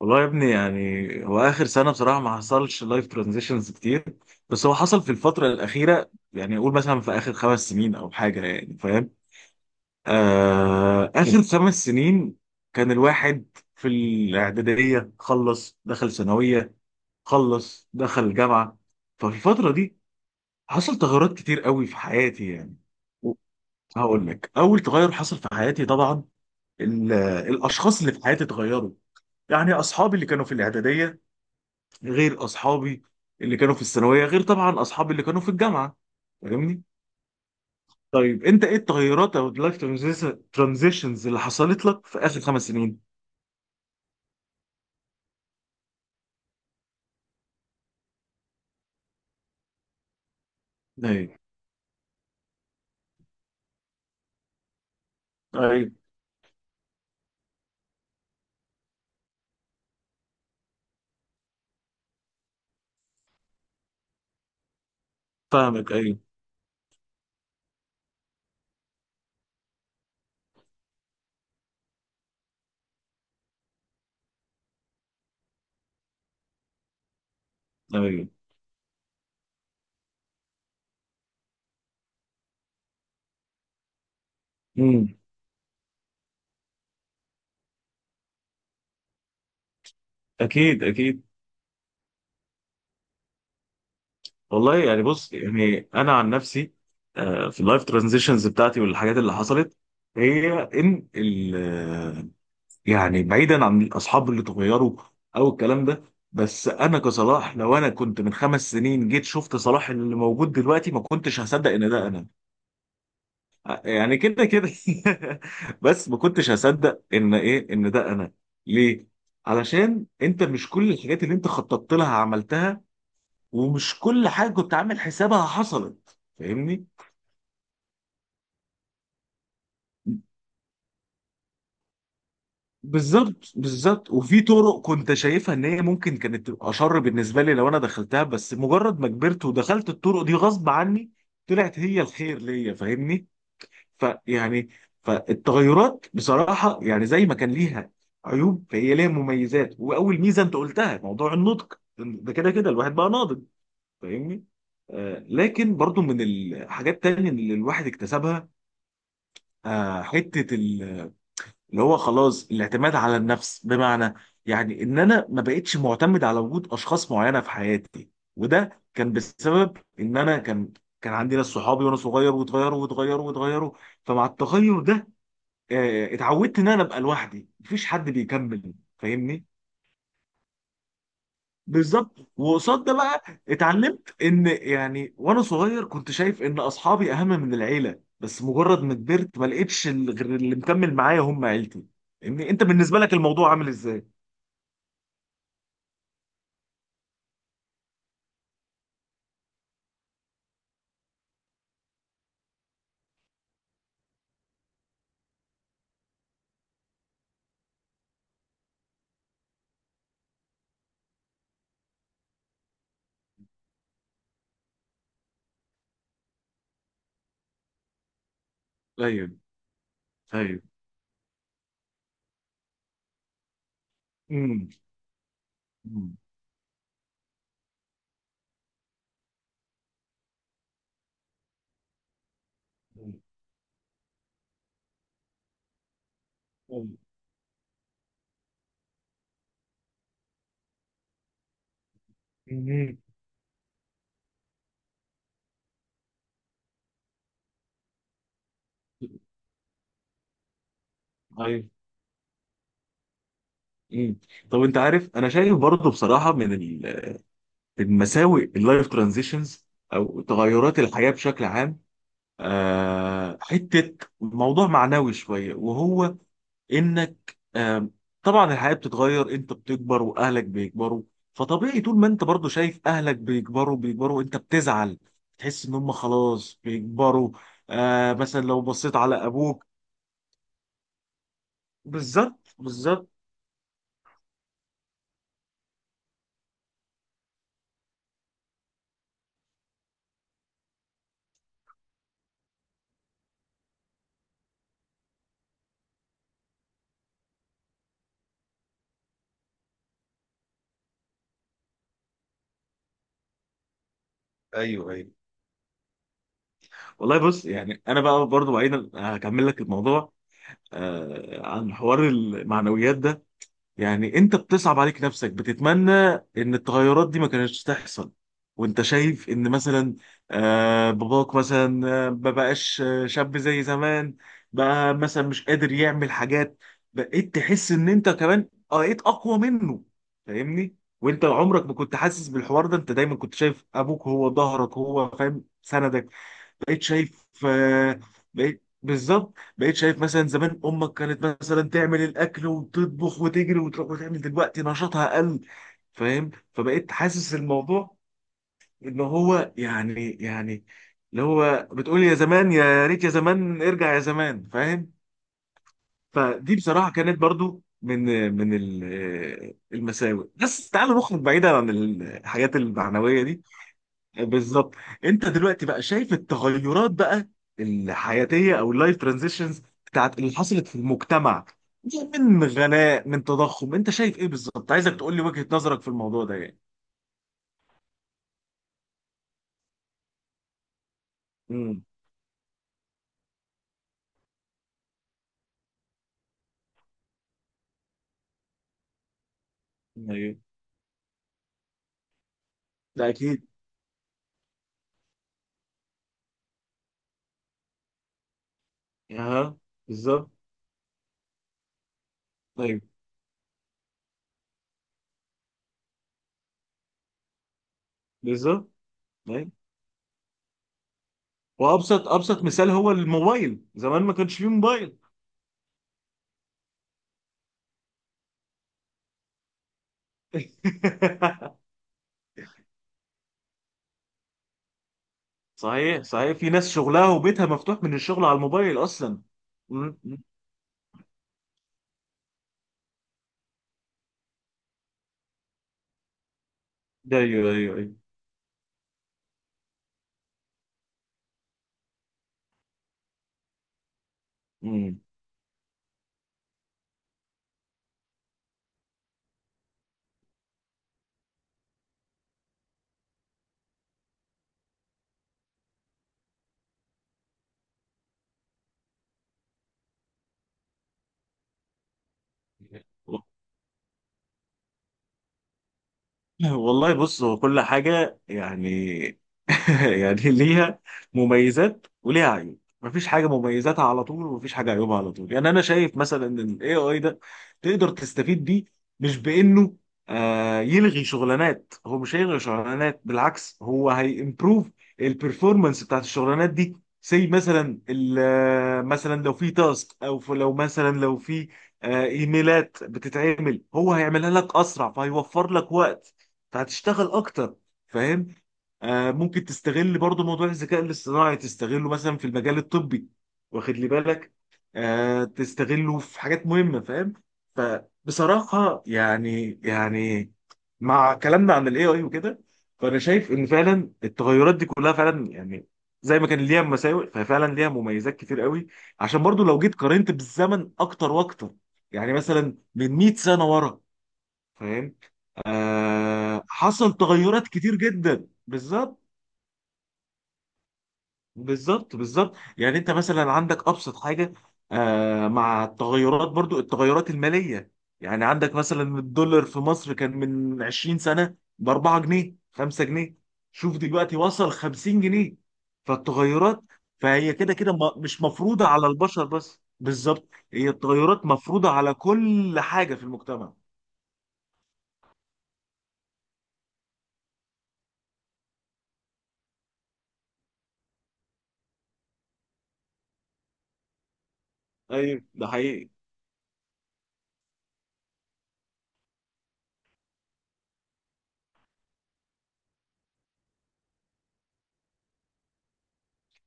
والله يا ابني، يعني هو اخر سنه بصراحه ما حصلش لايف ترانزيشنز كتير، بس هو حصل في الفتره الاخيره، يعني اقول مثلا في اخر خمس سنين او حاجه، يعني فاهم. آه، اخر خمس سنين كان الواحد في الاعداديه، خلص دخل ثانويه، خلص دخل جامعه. ففي الفتره دي حصل تغيرات كتير قوي في حياتي يعني. هقول لك اول تغير حصل في حياتي، طبعا ال- الاشخاص اللي في حياتي اتغيروا. يعني اصحابي اللي كانوا في الاعداديه غير اصحابي اللي كانوا في الثانويه، غير طبعا اصحابي اللي كانوا في الجامعه. فاهمني؟ طيب انت ايه التغيرات او اللايف ترانزيشنز اللي حصلت لك في اخر خمس سنين؟ ايوه، ايوه. فاهمك، ايوه، ايوه. امم. اكيد، اكيد. والله يعني بص، يعني انا عن نفسي، في اللايف ترانزيشنز بتاعتي والحاجات اللي حصلت هي ان، يعني بعيدا عن الاصحاب اللي اتغيروا او الكلام ده، بس انا كصلاح لو انا كنت من خمس سنين جيت شفت صلاح اللي موجود دلوقتي ما كنتش هصدق ان ده انا. يعني كده كده. بس ما كنتش هصدق ان ايه، ان ده انا. ليه؟ علشان انت مش كل الحاجات اللي انت خططت لها عملتها، ومش كل حاجه كنت عامل حسابها حصلت، فاهمني؟ بالظبط، بالظبط. وفي طرق كنت شايفها ان هي ممكن كانت تبقى شر بالنسبه لي لو انا دخلتها، بس مجرد ما كبرت ودخلت الطرق دي غصب عني طلعت هي الخير ليا، فاهمني. فيعني، فالتغيرات بصراحه يعني زي ما كان ليها عيوب، فهي ليها مميزات. واول ميزه انت قلتها موضوع النطق، ده كده كده الواحد بقى ناضج، فاهمني. آه، لكن برضو من الحاجات التانية اللي الواحد اكتسبها، حته اللي هو خلاص الاعتماد على النفس. بمعنى يعني ان انا ما بقتش معتمد على وجود اشخاص معينه في حياتي. وده كان بسبب ان انا كان عندي ناس صحابي وانا صغير، واتغيروا واتغيروا واتغيروا. فمع التغير ده اتعودت ان انا ابقى لوحدي، مفيش حد بيكمل، فاهمني؟ بالظبط. وقصاد ده بقى اتعلمت ان، يعني وانا صغير كنت شايف ان اصحابي اهم من العيله، بس مجرد ما كبرت ما لقيتش غير اللي مكمل معايا هم عيلتي. فاهمني، انت بالنسبه لك الموضوع عامل ازاي؟ ايوه، ايوه. امم، امم. أمم. أمم. ايوه. امم. طب انت عارف، انا شايف برضه بصراحه من المساوئ اللايف ترانزيشنز او تغيرات الحياه بشكل عام حته موضوع معنوي شويه، وهو انك طبعا الحياه بتتغير، انت بتكبر واهلك بيكبروا. فطبيعي طول ما انت برضه شايف اهلك بيكبروا بيكبروا انت بتزعل. تحس ان هم خلاص بيكبروا. مثلا لو بصيت على ابوك. بالظبط، بالظبط. ايوه، ايوه. والله بص يعني انا بقى برضو بعيدا هكمل لك الموضوع عن حوار المعنويات ده. يعني انت بتصعب عليك نفسك، بتتمنى ان التغيرات دي ما كانتش تحصل، وانت شايف ان مثلا باباك مثلا ما بقاش شاب زي زمان. بقى مثلا مش قادر يعمل حاجات. بقيت تحس ان انت كمان بقيت اقوى منه، فاهمني. وانت عمرك ما كنت حاسس بالحوار ده، انت دايما كنت شايف ابوك هو ظهرك، هو فاهم سندك. بقيت شايف بقيت بالظبط، بقيت شايف مثلا زمان امك كانت مثلا تعمل الاكل وتطبخ وتجري وتروح وتعمل، دلوقتي نشاطها قل. فاهم، فبقيت حاسس الموضوع ان هو يعني، اللي هو بتقول يا زمان، يا ريت يا زمان ارجع يا زمان، فاهم. فدي بصراحه كانت برضو من المساوئ. بس تعالوا نخرج بعيدا عن الحاجات المعنويه دي. بالظبط. انت دلوقتي بقى شايف التغيرات بقى الحياتيه او اللايف ترانزيشنز بتاعت اللي حصلت في المجتمع دي، من غلاء، من تضخم، انت شايف ايه بالظبط؟ عايزك تقول لي وجهه نظرك في الموضوع ده يعني. امم. ايوه. ده اكيد. اها. بالظبط. ايوه. بالظبط. ايوه. وابسط ابسط مثال هو الموبايل، زمان ما كانش فيه موبايل. صحيح، صحيح. في ناس شغلها وبيتها مفتوح من الشغل على الموبايل اصلا. امم. ايوه، ايوه، ايوه. والله بص هو كل حاجة يعني. يعني ليها مميزات وليها عيوب. مفيش حاجة مميزاتها على طول ومفيش حاجة عيوبها على طول. يعني أنا شايف مثلا إن ال AI ده تقدر تستفيد بيه، مش بإنه يلغي شغلانات. هو مش هيلغي شغلانات، بالعكس هو هيمبروف البرفورمانس بتاعت الشغلانات دي. زي مثلا مثلا لو في تاسك، لو مثلا لو في ايميلات بتتعمل، هو هيعملها لك اسرع، فهيوفر لك وقت فهتشتغل اكتر، فاهم. ممكن تستغل برضو موضوع الذكاء الاصطناعي، تستغله مثلا في المجال الطبي، واخد لي بالك. تستغله في حاجات مهمة، فاهم. فبصراحة يعني، مع كلامنا عن الاي اي وكده، فانا شايف ان فعلا التغيرات دي كلها فعلا يعني زي ما كان ليها مساوئ ففعلا ليها مميزات كتير قوي. عشان برضو لو جيت قارنت بالزمن اكتر واكتر يعني مثلا من 100 سنة ورا، فاهم. حصل تغيرات كتير جدا، بالظبط، بالظبط، بالظبط. يعني انت مثلا عندك ابسط حاجه، مع التغيرات برضو، التغيرات الماليه، يعني عندك مثلا الدولار في مصر كان من 20 سنه ب 4 جنيه، 5 جنيه، شوف دلوقتي وصل 50 جنيه. فالتغيرات، فهي كده كده مش مفروضه على البشر بس، بالظبط هي التغيرات مفروضه على كل حاجه في المجتمع. ايوه، ده حقيقي.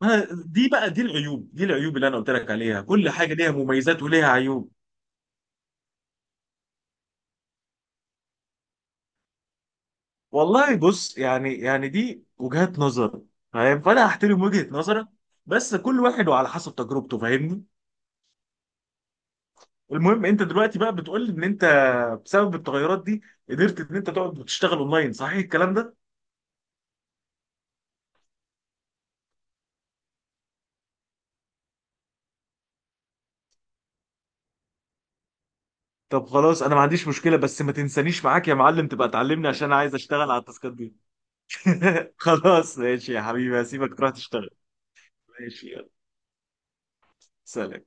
دي بقى، دي العيوب، اللي انا قلت لك عليها. كل حاجه ليها مميزات وليها عيوب. والله بص يعني، دي وجهات نظر، فاهم. فانا هحترم وجهة نظرك. بس كل واحد وعلى حسب تجربته، فاهمني. المهم انت دلوقتي بقى بتقول ان انت بسبب التغيرات دي قدرت ان انت تقعد وتشتغل اونلاين، صحيح الكلام ده؟ طب خلاص انا ما عنديش مشكلة، بس ما تنسانيش معاك يا معلم، تبقى تعلمني عشان انا عايز اشتغل على التاسكات دي. خلاص ماشي يا حبيبي، هسيبك تروح تشتغل. ماشي يلا. سلام.